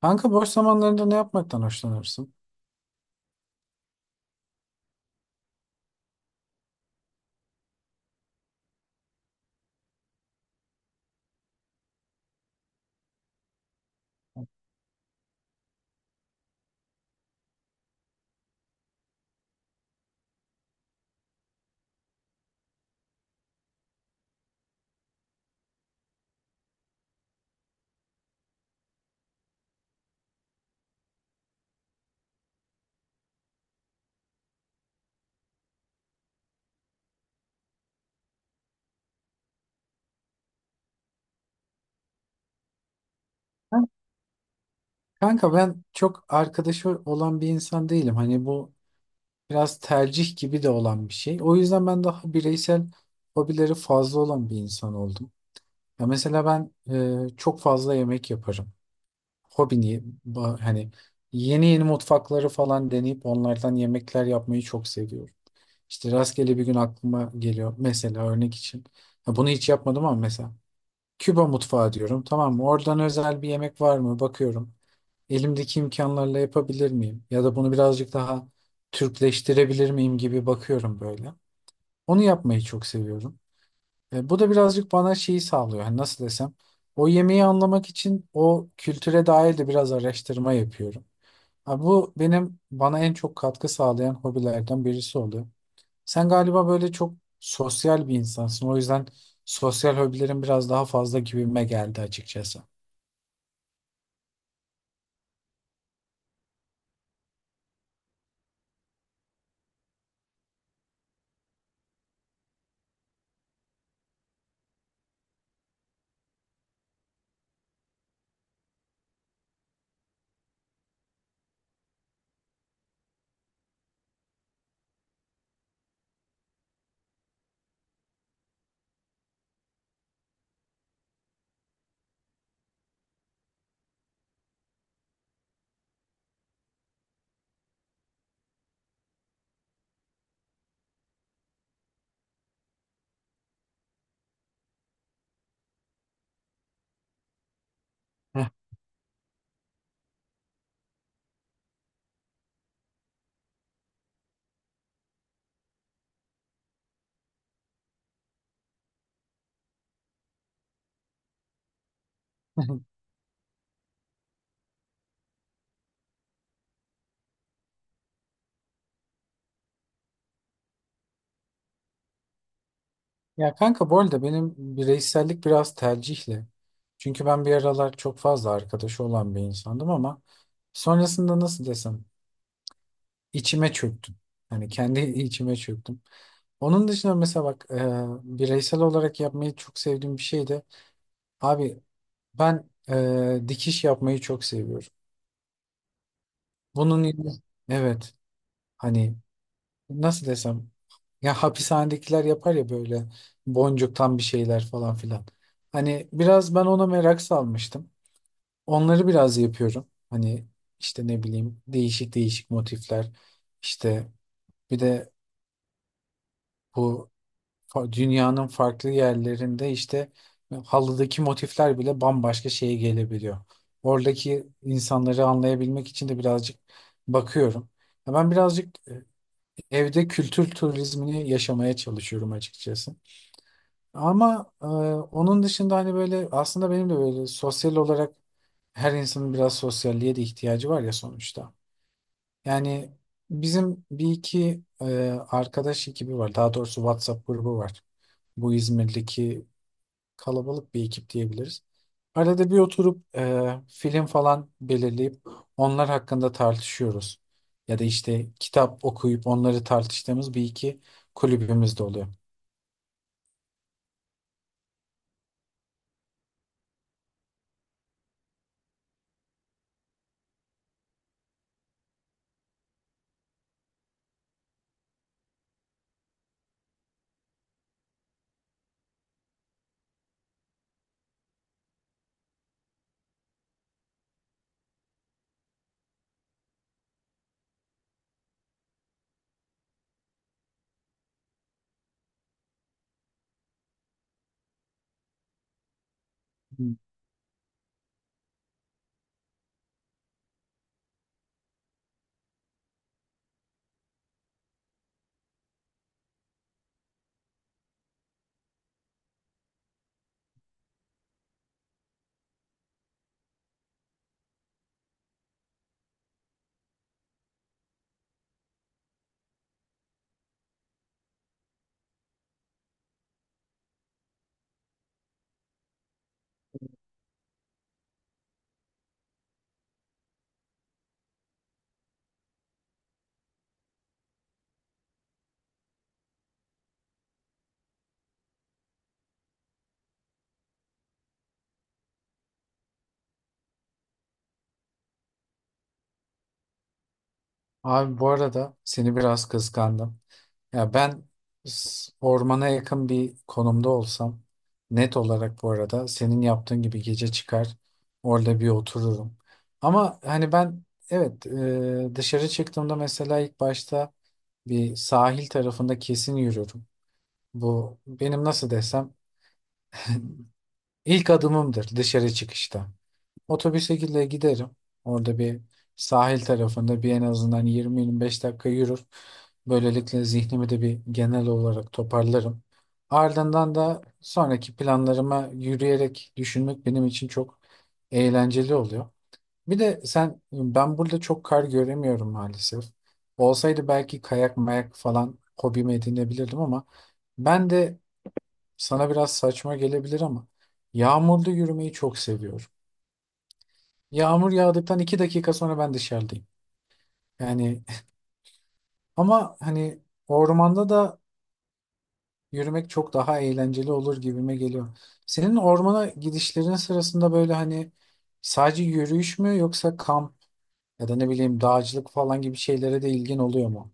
Kanka boş zamanlarında ne yapmaktan hoşlanırsın? Ben- Kanka ben çok arkadaşı olan bir insan değilim. Hani bu biraz tercih gibi de olan bir şey. O yüzden ben daha bireysel hobileri fazla olan bir insan oldum. Ya mesela ben çok fazla yemek yaparım. Hobini hani yeni yeni mutfakları falan deneyip onlardan yemekler yapmayı çok seviyorum. İşte rastgele bir gün aklıma geliyor mesela örnek için. Ya bunu hiç yapmadım ama mesela. Küba mutfağı diyorum, tamam mı? Oradan özel bir yemek var mı? Bakıyorum. Elimdeki imkanlarla yapabilir miyim? Ya da bunu birazcık daha Türkleştirebilir miyim gibi bakıyorum böyle. Onu yapmayı çok seviyorum. Bu da birazcık bana şeyi sağlıyor. Hani nasıl desem? O yemeği anlamak için o kültüre dair de biraz araştırma yapıyorum. Ha, bu benim bana en çok katkı sağlayan hobilerden birisi oluyor. Sen galiba böyle çok sosyal bir insansın. O yüzden sosyal hobilerin biraz daha fazla gibime geldi açıkçası. Heh. Ya kanka, bu arada benim bireysellik biraz tercihle. Çünkü ben bir aralar çok fazla arkadaşı olan bir insandım ama sonrasında nasıl desem içime çöktüm. Hani kendi içime çöktüm. Onun dışında mesela bak, bireysel olarak yapmayı çok sevdiğim bir şey de, abi, ben dikiş yapmayı çok seviyorum. Bunun yerine- evet, hani nasıl desem, ya hapishanedekiler yapar ya böyle, boncuktan bir şeyler falan filan. Hani biraz ben ona merak salmıştım. Onları biraz yapıyorum. Hani işte ne bileyim, değişik değişik motifler. İşte bir de bu dünyanın farklı yerlerinde işte halıdaki motifler bile bambaşka şeye gelebiliyor. Oradaki insanları anlayabilmek için de birazcık bakıyorum. Ya ben birazcık evde kültür turizmini yaşamaya çalışıyorum açıkçası. Ama onun dışında hani böyle aslında benim de böyle sosyal olarak, her insanın biraz sosyalliğe de ihtiyacı var ya sonuçta. Yani bizim bir iki arkadaş ekibi var. Daha doğrusu WhatsApp grubu var. Bu İzmir'deki kalabalık bir ekip diyebiliriz. Arada bir oturup film falan belirleyip onlar hakkında tartışıyoruz. Ya da işte kitap okuyup onları tartıştığımız bir iki kulübümüz de oluyor. Hı. Abi, bu arada seni biraz kıskandım. Ya ben, ormana yakın bir konumda olsam net olarak bu arada senin yaptığın gibi gece çıkar orada bir otururum. Ama hani ben evet, dışarı çıktığımda mesela ilk başta bir sahil tarafında kesin yürürüm. Bu benim nasıl desem ilk adımımdır dışarı çıkışta. Otobüse giderim. Orada bir sahil tarafında bir en azından 20-25 dakika yürür. Böylelikle zihnimi de bir genel olarak toparlarım. Ardından da sonraki planlarıma yürüyerek düşünmek benim için çok eğlenceli oluyor. Bir de sen, ben burada çok kar göremiyorum maalesef. Olsaydı belki kayak mayak falan hobimi edinebilirdim ama ben de, sana biraz saçma gelebilir ama, yağmurda yürümeyi çok seviyorum. Yağmur yağdıktan 2 dakika sonra ben dışarıdayım. Yani ama hani ormanda da yürümek çok daha eğlenceli olur gibime geliyor. Senin ormana gidişlerin sırasında böyle hani sadece yürüyüş mü yoksa kamp ya da ne bileyim dağcılık falan gibi şeylere de ilgin oluyor mu?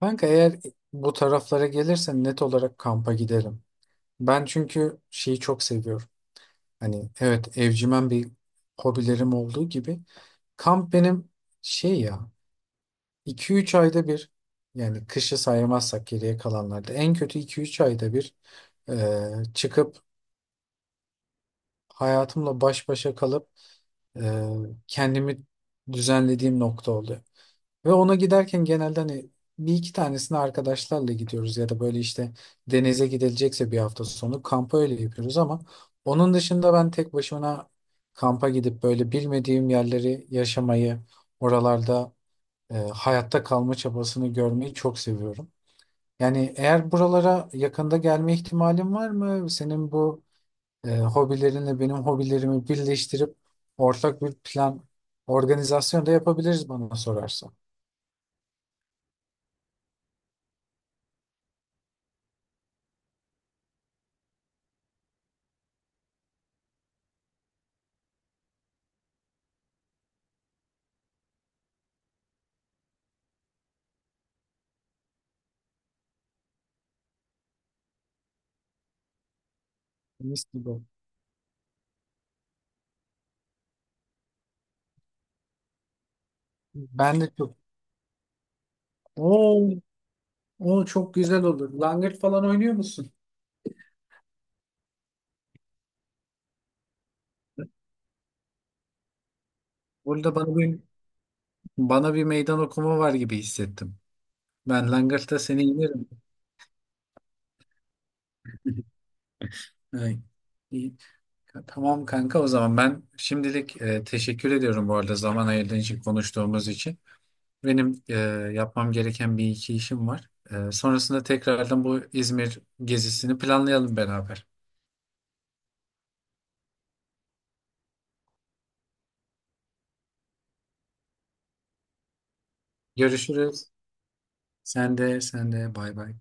Kanka eğer bu taraflara gelirsen net olarak kampa giderim. Ben çünkü şeyi çok seviyorum. Hani evet, evcimen bir hobilerim olduğu gibi kamp benim şey ya, 2 3 ayda bir, yani kışı saymazsak geriye kalanlarda en kötü 2 3 ayda bir e, çıkıp hayatımla baş başa kalıp e, kendimi düzenlediğim nokta oluyor. Ve ona giderken genelde hani bir iki tanesini arkadaşlarla gidiyoruz ya da böyle işte denize gidilecekse bir hafta sonu kampa öyle yapıyoruz ama onun dışında ben tek başıma kampa gidip böyle bilmediğim yerleri yaşamayı, oralarda hayatta kalma çabasını görmeyi çok seviyorum. Yani eğer buralara yakında gelme ihtimalin var mı? Senin bu hobilerinle benim hobilerimi birleştirip ortak bir plan, organizasyon da yapabiliriz bana sorarsan. Mis gibi. Ben de çok. Oo, o çok güzel olur. Langırt falan oynuyor musun? Burada bana bir, bana bir meydan okuma var gibi hissettim. Ben Langırt'ta seni yenerim. Ay, iyi. Tamam kanka, o zaman ben şimdilik teşekkür ediyorum bu arada zaman ayırdığın için, konuştuğumuz için. Benim yapmam gereken bir iki işim var. Sonrasında tekrardan bu İzmir gezisini planlayalım beraber. Görüşürüz. Sen de bay bay.